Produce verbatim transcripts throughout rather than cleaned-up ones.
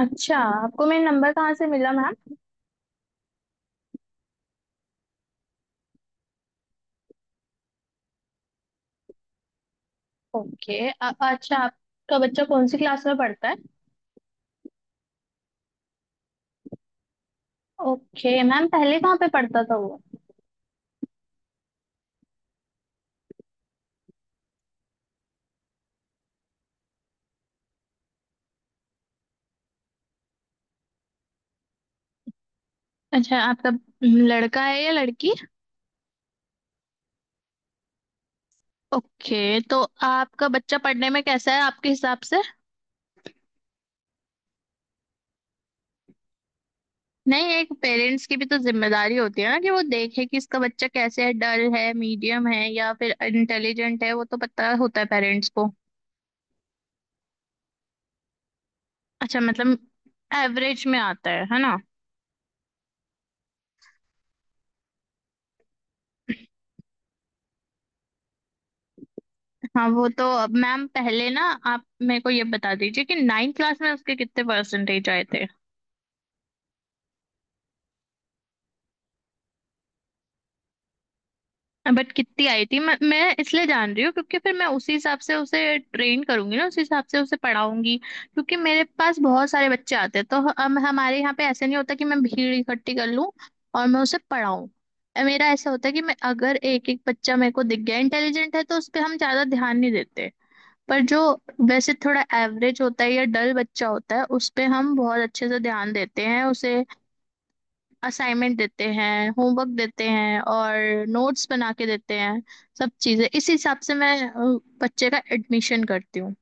अच्छा, आपको मेरा नंबर कहाँ से मिला मैम। ओके, अ- अच्छा, आपका बच्चा कौन सी क्लास में पढ़ता है। ओके मैम, पहले कहाँ पे पढ़ता था वो। अच्छा, आपका हम्म, लड़का है या लड़की। ओके, तो आपका बच्चा पढ़ने में कैसा है आपके हिसाब से। नहीं, एक पेरेंट्स की भी तो जिम्मेदारी होती है ना, कि वो देखे कि इसका बच्चा कैसे है, डल है, मीडियम है या फिर इंटेलिजेंट है, वो तो पता होता है पेरेंट्स को। अच्छा, मतलब एवरेज में आता है है ना। हाँ, वो तो अब मैम, पहले ना आप मेरे को ये बता दीजिए कि नाइन्थ क्लास में उसके कितने परसेंटेज आए थे। बट कितनी आई थी, मैं मैं इसलिए जान रही हूँ, क्योंकि फिर मैं उसी हिसाब से उसे ट्रेन करूंगी ना, उसी हिसाब से उसे पढ़ाऊंगी, क्योंकि मेरे पास बहुत सारे बच्चे आते हैं, तो हम हमारे यहाँ पे ऐसे नहीं होता कि मैं भीड़ इकट्ठी कर लूँ और मैं उसे पढ़ाऊँ। मेरा ऐसा होता है कि मैं अगर एक एक बच्चा मेरे को दिख गया इंटेलिजेंट है, तो उस पर हम ज्यादा ध्यान नहीं देते, पर जो वैसे थोड़ा एवरेज होता है या डल बच्चा होता है, उस पे हम बहुत अच्छे से ध्यान देते हैं, उसे असाइनमेंट देते हैं, होमवर्क देते हैं और नोट्स बना के देते हैं। सब चीजें इस हिसाब से मैं अ, बच्चे का एडमिशन करती हूँ।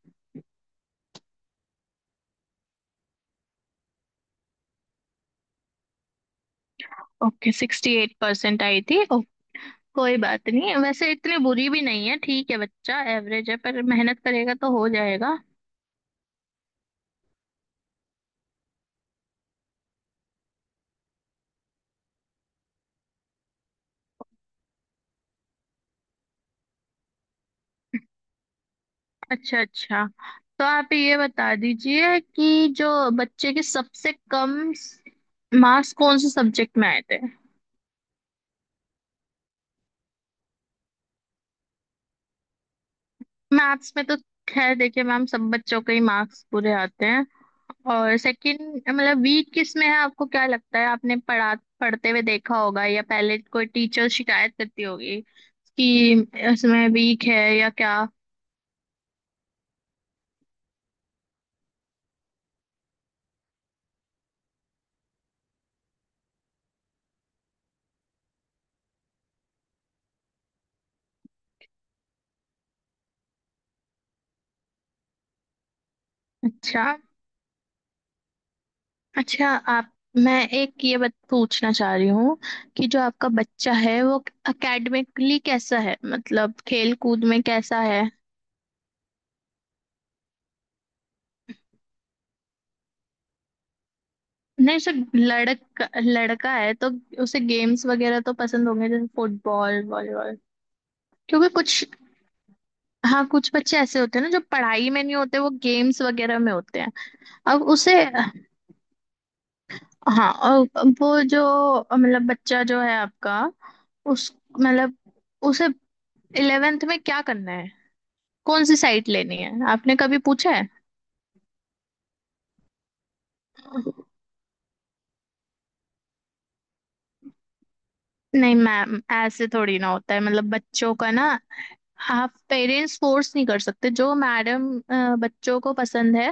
ओके, सिक्सटी एट परसेंट आई थी। ओ, कोई बात नहीं, वैसे इतनी बुरी भी नहीं है, ठीक है, बच्चा एवरेज है पर मेहनत करेगा तो हो जाएगा। अच्छा अच्छा, तो आप ये बता दीजिए कि जो बच्चे के सबसे कम मार्क्स कौन से सब्जेक्ट में आए थे। मैथ्स में तो खैर, देखिए मैम, सब बच्चों के ही मार्क्स बुरे आते हैं, और सेकंड मतलब वीक किस में है, आपको क्या लगता है, आपने पढ़ा, पढ़ते हुए देखा होगा या पहले कोई टीचर शिकायत करती होगी कि इसमें वीक है या क्या। अच्छा अच्छा, आप मैं एक ये बात पूछना चाह रही हूँ कि जो आपका बच्चा है वो एकेडमिकली कैसा है, मतलब खेल कूद में कैसा है। नहीं, सिर्फ लड़का लड़का है तो उसे गेम्स वगैरह तो पसंद होंगे, जैसे फुटबॉल वॉलीबॉल। क्योंकि कुछ, हाँ, कुछ बच्चे ऐसे होते हैं ना जो पढ़ाई में नहीं होते वो गेम्स वगैरह में होते हैं। अब उसे, हाँ, और वो जो, मतलब बच्चा जो है आपका, उस, मतलब, उसे इलेवेंथ में क्या करना है, कौन सी साइट लेनी है, आपने कभी पूछा है। नहीं मैम, ऐसे थोड़ी ना होता है, मतलब बच्चों का ना, आप पेरेंट्स फोर्स नहीं कर सकते, जो मैडम बच्चों को पसंद है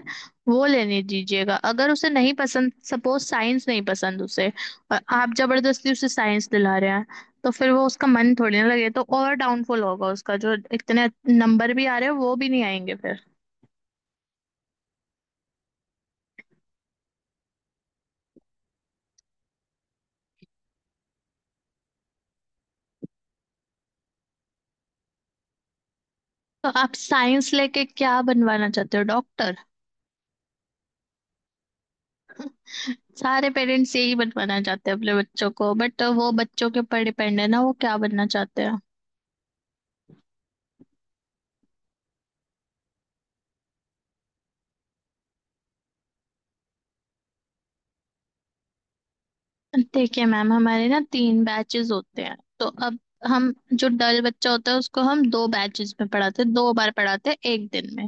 वो लेने दीजिएगा। अगर उसे नहीं पसंद, सपोज साइंस नहीं पसंद उसे, और आप जबरदस्ती उसे साइंस दिला रहे हैं, तो फिर वो, उसका मन थोड़ी ना लगे तो, और डाउनफॉल होगा उसका, जो इतने नंबर भी आ रहे हैं वो भी नहीं आएंगे फिर। तो आप साइंस लेके क्या बनवाना चाहते हो, डॉक्टर। सारे पेरेंट्स यही बनवाना चाहते हैं अपने बच्चों को, बट वो बच्चों के ऊपर डिपेंड है ना, वो क्या बनना चाहते हैं। देखिए मैम, हमारे ना तीन बैचेस होते हैं, तो अब, हम जो डल बच्चा होता है उसको हम दो बैचेस में पढ़ाते हैं, दो बार पढ़ाते हैं एक दिन में।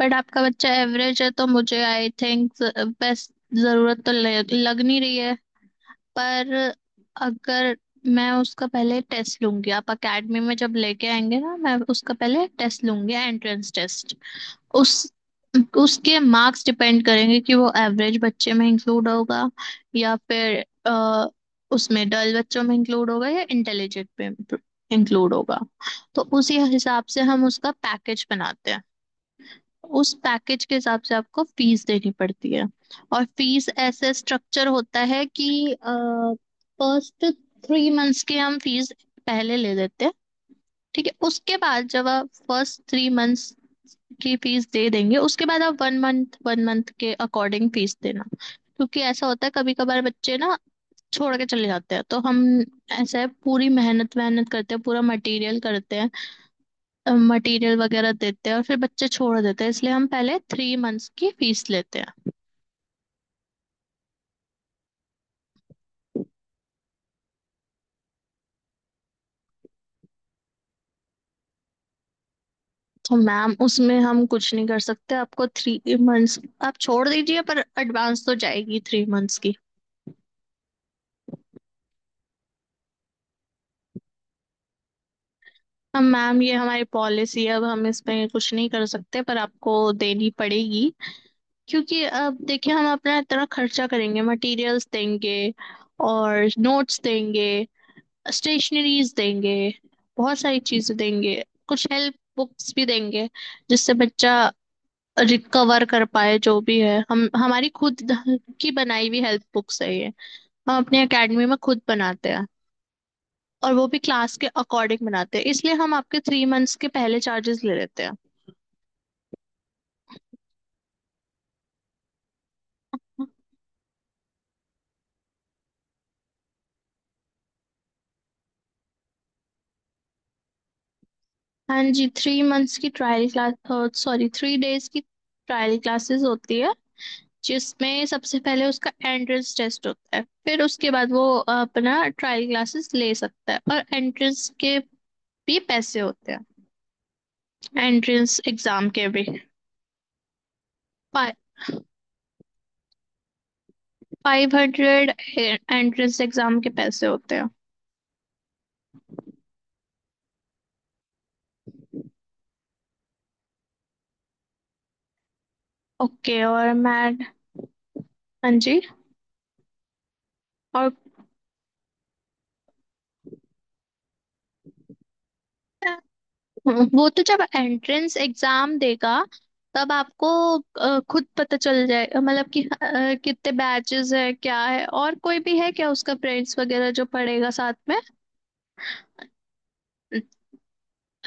बट आपका बच्चा एवरेज है, तो मुझे आई थिंक बेस्ट जरूरत तो लग, लग नहीं रही है, पर, अगर, मैं उसका पहले टेस्ट लूंगी, आप अकेडमी में जब लेके आएंगे ना, मैं उसका पहले टेस्ट लूंगी, एंट्रेंस टेस्ट। उस उसके मार्क्स डिपेंड करेंगे कि वो एवरेज बच्चे में इंक्लूड होगा या फिर अ, उसमें, डल बच्चों में इंक्लूड होगा या इंटेलिजेंट में इंक्लूड होगा। तो उसी हिसाब से हम उसका पैकेज बनाते हैं। उस पैकेज के हिसाब से आपको फीस देनी पड़ती है। और फीस ऐसे स्ट्रक्चर होता है कि फर्स्ट थ्री मंथ्स की हम फीस पहले ले लेते हैं। ठीक है, उसके बाद जब आप फर्स्ट थ्री मंथ्स की फीस दे देंगे, उसके बाद आप वन मंथ वन मंथ के अकॉर्डिंग फीस देना। क्योंकि ऐसा होता है, कभी कभार बच्चे ना छोड़ के चले जाते हैं, तो हम, ऐसा है, पूरी मेहनत मेहनत करते हैं, पूरा मटेरियल करते हैं, मटेरियल वगैरह देते हैं और फिर बच्चे छोड़ देते हैं, इसलिए हम पहले थ्री मंथ्स की फीस लेते हैं। तो मैम, उसमें हम कुछ नहीं कर सकते, आपको थ्री मंथ्स, आप छोड़ दीजिए पर एडवांस तो जाएगी थ्री मंथ्स की। हम मैम, ये हमारी पॉलिसी है, अब हम इसमें कुछ नहीं कर सकते, पर आपको देनी पड़ेगी। क्योंकि अब देखिए, हम अपना इतना खर्चा करेंगे, मटेरियल्स देंगे और नोट्स देंगे, स्टेशनरीज देंगे, बहुत सारी चीजें देंगे, कुछ हेल्प बुक्स भी देंगे जिससे बच्चा रिकवर कर पाए, जो भी है हम, हमारी खुद की बनाई हुई हेल्प बुक्स है ये, हम अपने एकेडमी में खुद बनाते हैं, और वो भी क्लास के अकॉर्डिंग बनाते हैं, इसलिए हम आपके थ्री मंथ्स के पहले चार्जेस ले लेते हैं। हाँ जी, थ्री मंथ्स की trial class, sorry three days की ट्रायल क्लासेस होती है, जिसमें सबसे पहले उसका एंट्रेंस टेस्ट होता है, फिर उसके बाद वो अ, अपना ट्रायल क्लासेस ले सकता है, और एंट्रेंस के भी पैसे होते हैं, एंट्रेंस एग्जाम के भी। फाइव हंड्रेड, एंट्रेंस एग्जाम के पैसे होते हैं। ओके और मैट, हाँ जी, और, हम्म, वो तो जब एंट्रेंस एग्जाम देगा तब आपको अ, खुद पता चल जाएगा, मतलब कि अ, कितने बैचेस है क्या है, और कोई भी है क्या उसका फ्रेंड्स वगैरह जो पढ़ेगा साथ में।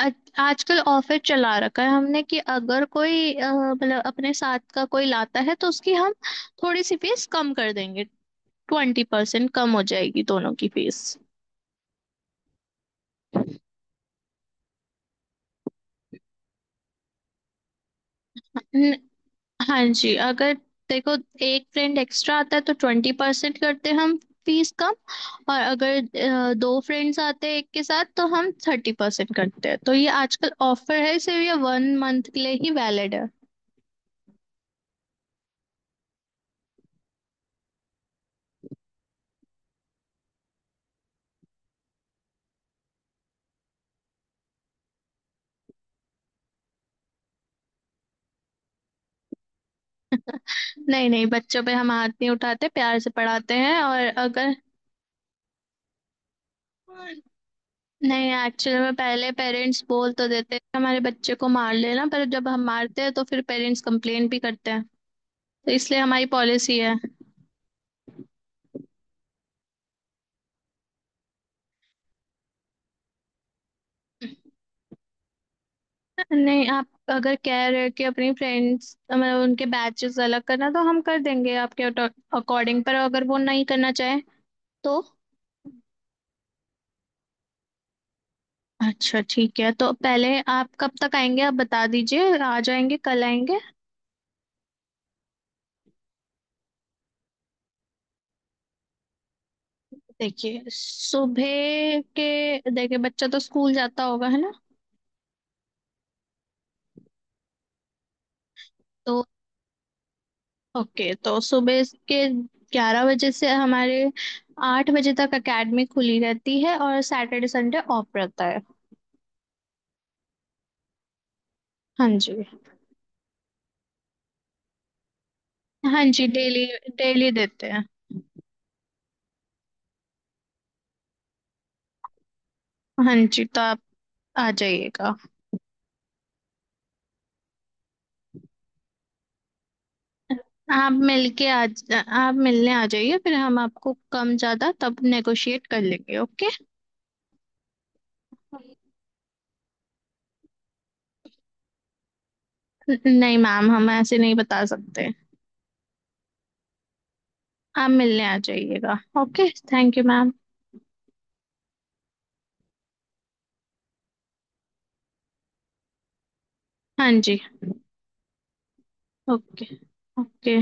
अ- आजकल ऑफर चला रखा है हमने कि अगर कोई अ, मतलब अपने साथ का कोई लाता है तो उसकी हम थोड़ी सी फीस कम कर देंगे, ट्वेंटी परसेंट कम हो जाएगी दोनों की फीस। हाँ जी, अगर, देखो, एक फ्रेंड एक्स्ट्रा आता है तो ट्वेंटी परसेंट करते हैं हम फीस कम। और अगर अ, दो फ्रेंड्स आते हैं एक के साथ तो हम थर्टी परसेंट करते हैं। तो ये आजकल ऑफर है, सिर्फ ये वन मंथ के लिए ही वैलिड है। नहीं नहीं, बच्चों पे हम हाथ नहीं उठाते, प्यार से पढ़ाते हैं। और अगर, नहीं, एक्चुअली में पहले पेरेंट्स बोल तो देते हैं कि हमारे बच्चे को मार लेना, पर जब हम मारते हैं तो फिर पेरेंट्स कंप्लेन भी करते हैं, तो इसलिए हमारी पॉलिसी है। नहीं, आप अगर कह रहे हो कि अपनी फ्रेंड्स मतलब उनके बैचेस अलग करना, तो हम कर देंगे आपके अकॉर्डिंग, पर अगर वो नहीं करना चाहे तो। अच्छा ठीक है, तो पहले आप कब तक आएंगे, आप बता दीजिए, आ जाएंगे, कल आएंगे। देखिए सुबह के, देखिए बच्चा तो स्कूल जाता होगा, है ना, तो ओके, तो सुबह के ग्यारह बजे से हमारे आठ बजे तक एकेडमी खुली रहती है, और सैटरडे संडे ऑफ रहता है। हाँ जी। हाँ जी, डेली, डेली देते हैं। हाँ जी, तो आप आ जाइएगा। आप मिलके आ आप मिलने आ जाइए, फिर हम आपको कम ज्यादा तब नेगोशिएट कर लेंगे, ओके। नहीं मैम, हम ऐसे नहीं बता सकते। आप मिलने आ जाइएगा, ओके, थैंक यू मैम। हाँ जी। ओके। ओके।